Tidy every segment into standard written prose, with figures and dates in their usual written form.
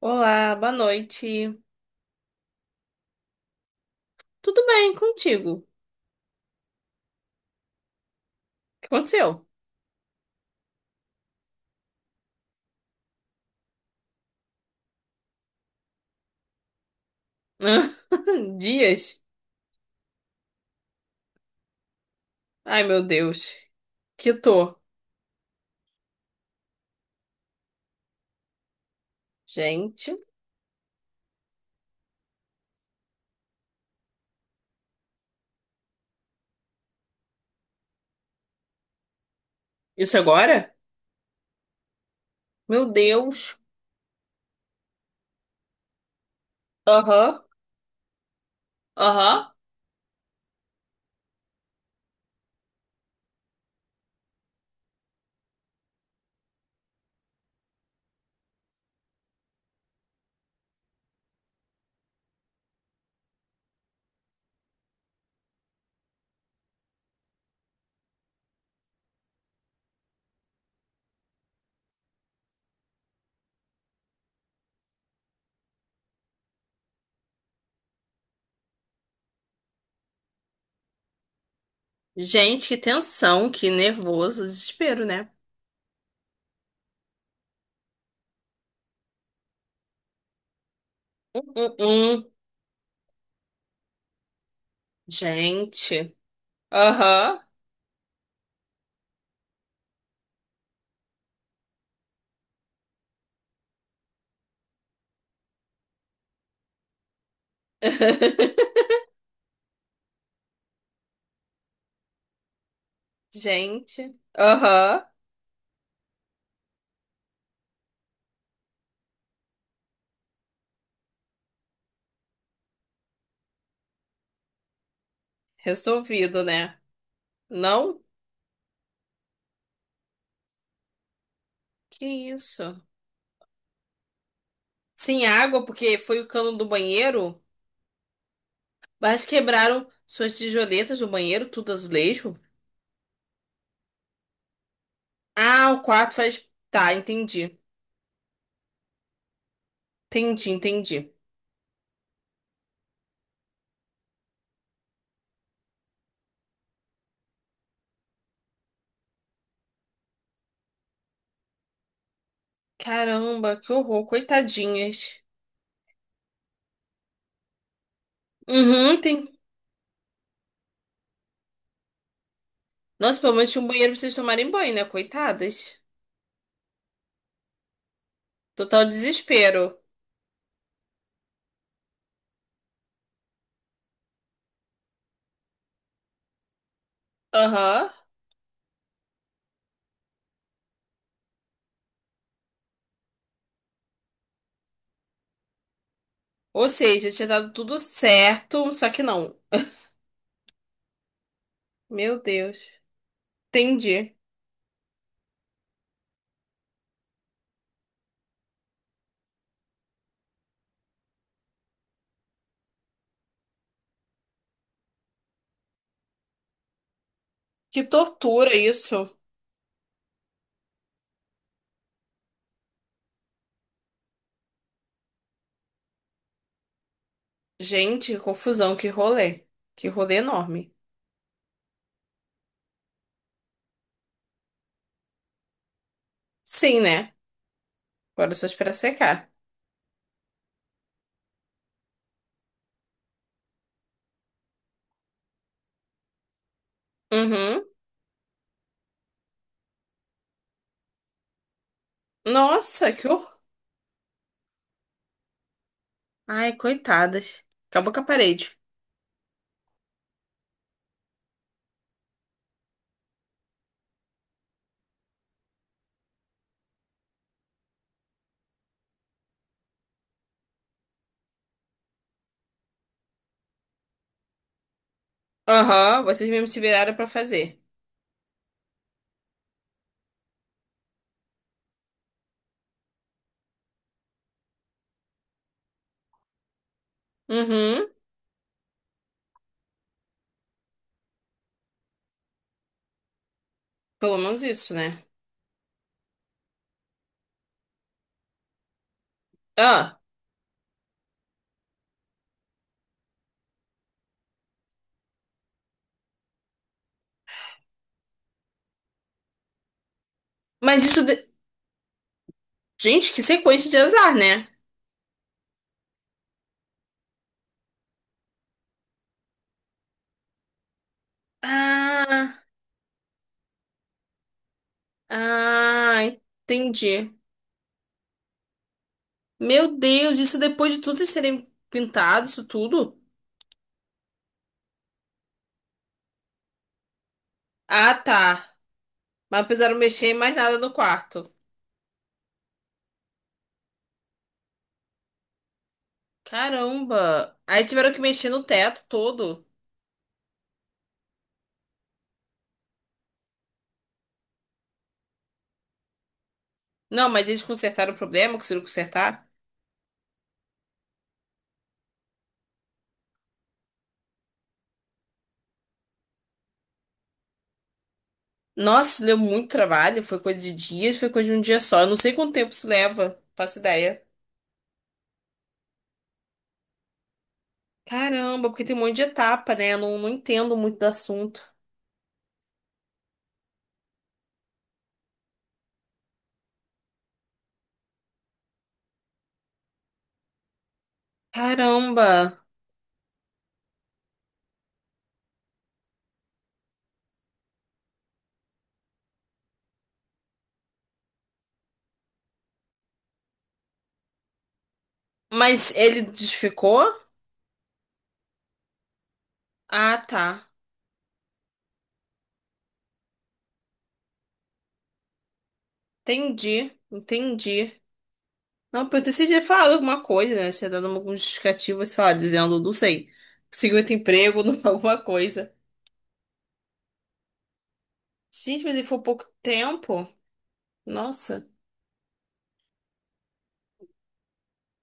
Olá, boa noite. Tudo bem contigo? O que aconteceu? Dias? Ai, meu Deus. Que tô. Gente, isso é agora? Meu Deus. Aham, aham. Gente, que tensão, que nervoso, desespero, né? Hum, hum, hum. Gente. Aham. Gente. Aham. Resolvido, né? Não? Que isso? Sem água, porque foi o cano do banheiro? Mas quebraram suas tijoletas do banheiro, tudo azulejo. Ah, o quarto faz. Tá, entendi. Entendi, entendi. Caramba, que horror, coitadinhas. Uhum, tem. Nossa, pelo menos tinha um banheiro pra vocês tomarem banho, né? Coitadas. Total desespero. Aham. Ou seja, tinha dado tudo certo, só que não. Meu Deus. Entendi. Que tortura isso. Gente, que confusão, que rolê. Que rolê enorme. Sim, né? Agora é só esperar secar. Uhum. Nossa, que horror. Ai, coitadas. Acabou com a parede. Aham, vocês mesmos se viraram pra fazer. Uhum, pelo menos isso, né? Ah, mas isso. de- Gente, que sequência de azar, né? Ah, ah, entendi. Meu Deus, isso depois de tudo eles serem pintados, isso tudo? Ah, tá. Mas não precisaram mexer em mais nada no quarto. Caramba. Aí tiveram que mexer no teto todo. Não, mas eles consertaram o problema, conseguiram consertar? Nossa, deu muito trabalho, foi coisa de dias, foi coisa de um dia só. Eu não sei quanto tempo isso leva, faço ideia. Caramba, porque tem um monte de etapa, né? Eu não entendo muito do assunto. Caramba. Mas ele desficou? Ah, tá. Entendi, entendi. Não, porque você tinha falado alguma coisa, né? Tinha dado algum justificativo, sei lá, dizendo, não sei, conseguiu outro emprego, não- alguma coisa. Gente, mas ele foi pouco tempo? Nossa.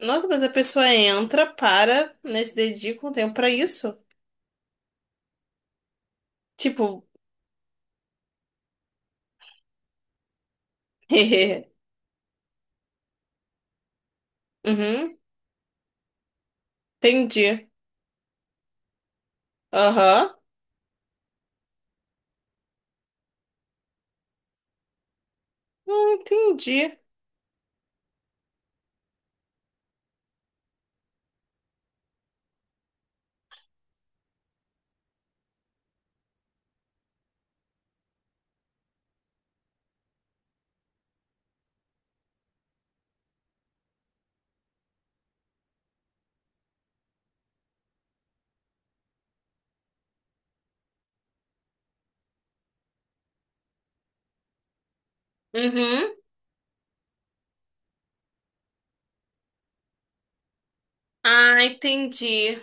Nossa, mas a pessoa entra, para, né, se dedica um tempo pra isso. Tipo, hehe. Uhum, entendi. Aham. Não entendi. Uhum. Ah, entendi.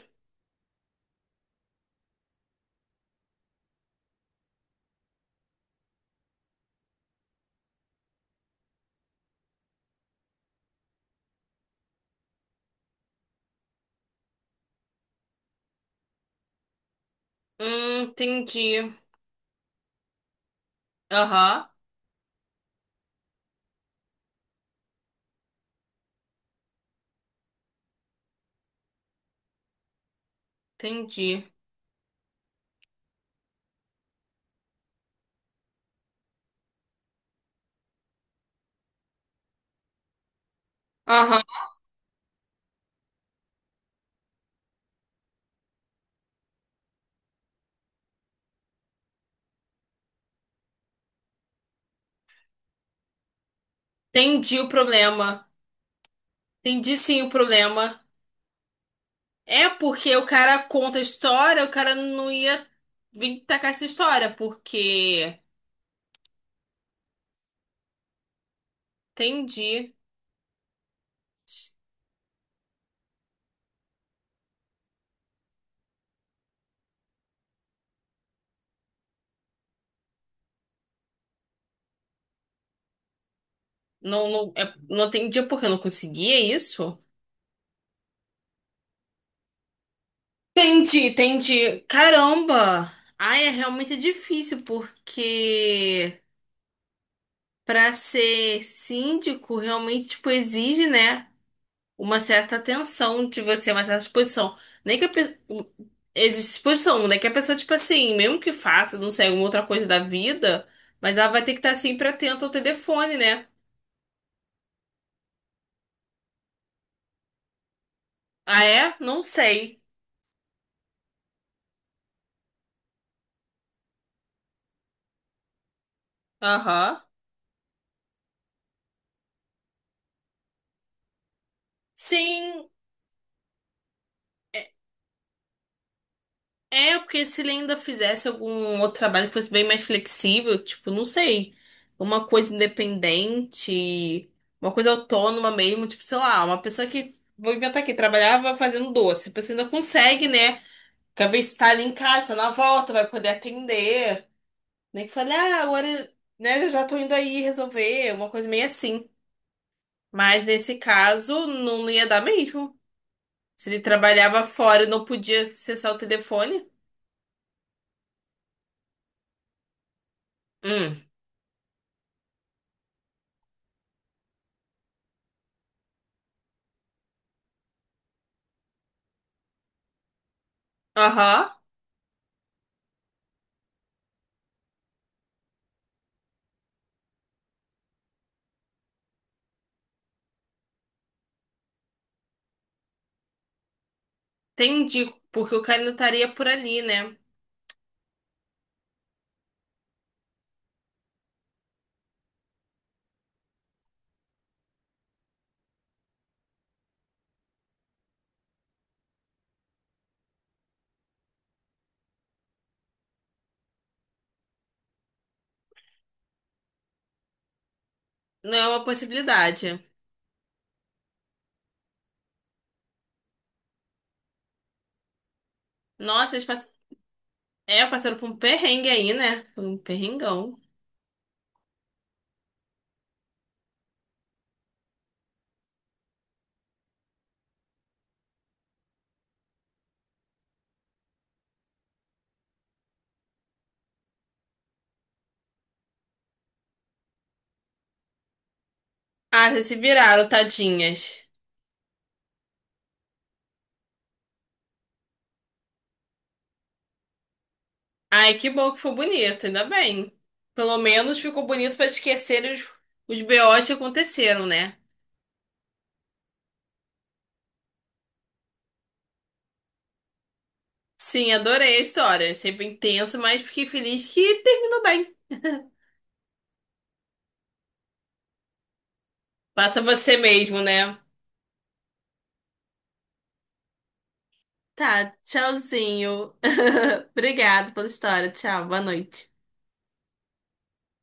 Entendi. Aham, entendi. Aham, entendi o problema. Entendi sim o problema. É porque o cara conta a história, o cara não ia vir tacar essa história, porque entendi. Não, não, é, não entendi porque eu não conseguia isso. Entendi, entendi. Caramba! Ai, é realmente difícil, porque para ser síndico, realmente, tipo, exige, né, uma certa atenção de você, uma certa disposição. Nem que a pe... existe disposição, né, que a pessoa, tipo assim, mesmo que faça, não sei, alguma outra coisa da vida, mas ela vai ter que estar sempre atenta ao telefone, né? Ah, é? Não sei. Aham. Sim, é, porque se ele ainda fizesse algum outro trabalho que fosse bem mais flexível, tipo, não sei, uma coisa independente, uma coisa autônoma mesmo, tipo, sei lá, uma pessoa que, vou inventar aqui, trabalhava fazendo doce, a pessoa ainda consegue, né? Porque às vezes tá ali em casa, na volta, vai poder atender. Nem que fale, ah, agora, né, eu já tô indo aí resolver, uma coisa meio assim. Mas nesse caso, não ia dar mesmo. Se ele trabalhava fora e não podia acessar o telefone. Hum, aham. Entendi, porque o cara ainda estaria por ali, né? Não é uma possibilidade. Nossa, eles pass... é, passaram por um perrengue aí, né? Foi um perrengão. Ah, vocês se viraram, tadinhas. Ai, que bom que foi bonito, ainda bem. Pelo menos ficou bonito pra esquecer os BOs que aconteceram, né? Sim, adorei a história. Achei bem tenso, mas fiquei feliz que terminou bem. Passa você mesmo, né? Tá, tchauzinho. Obrigado pela história. Tchau, boa noite.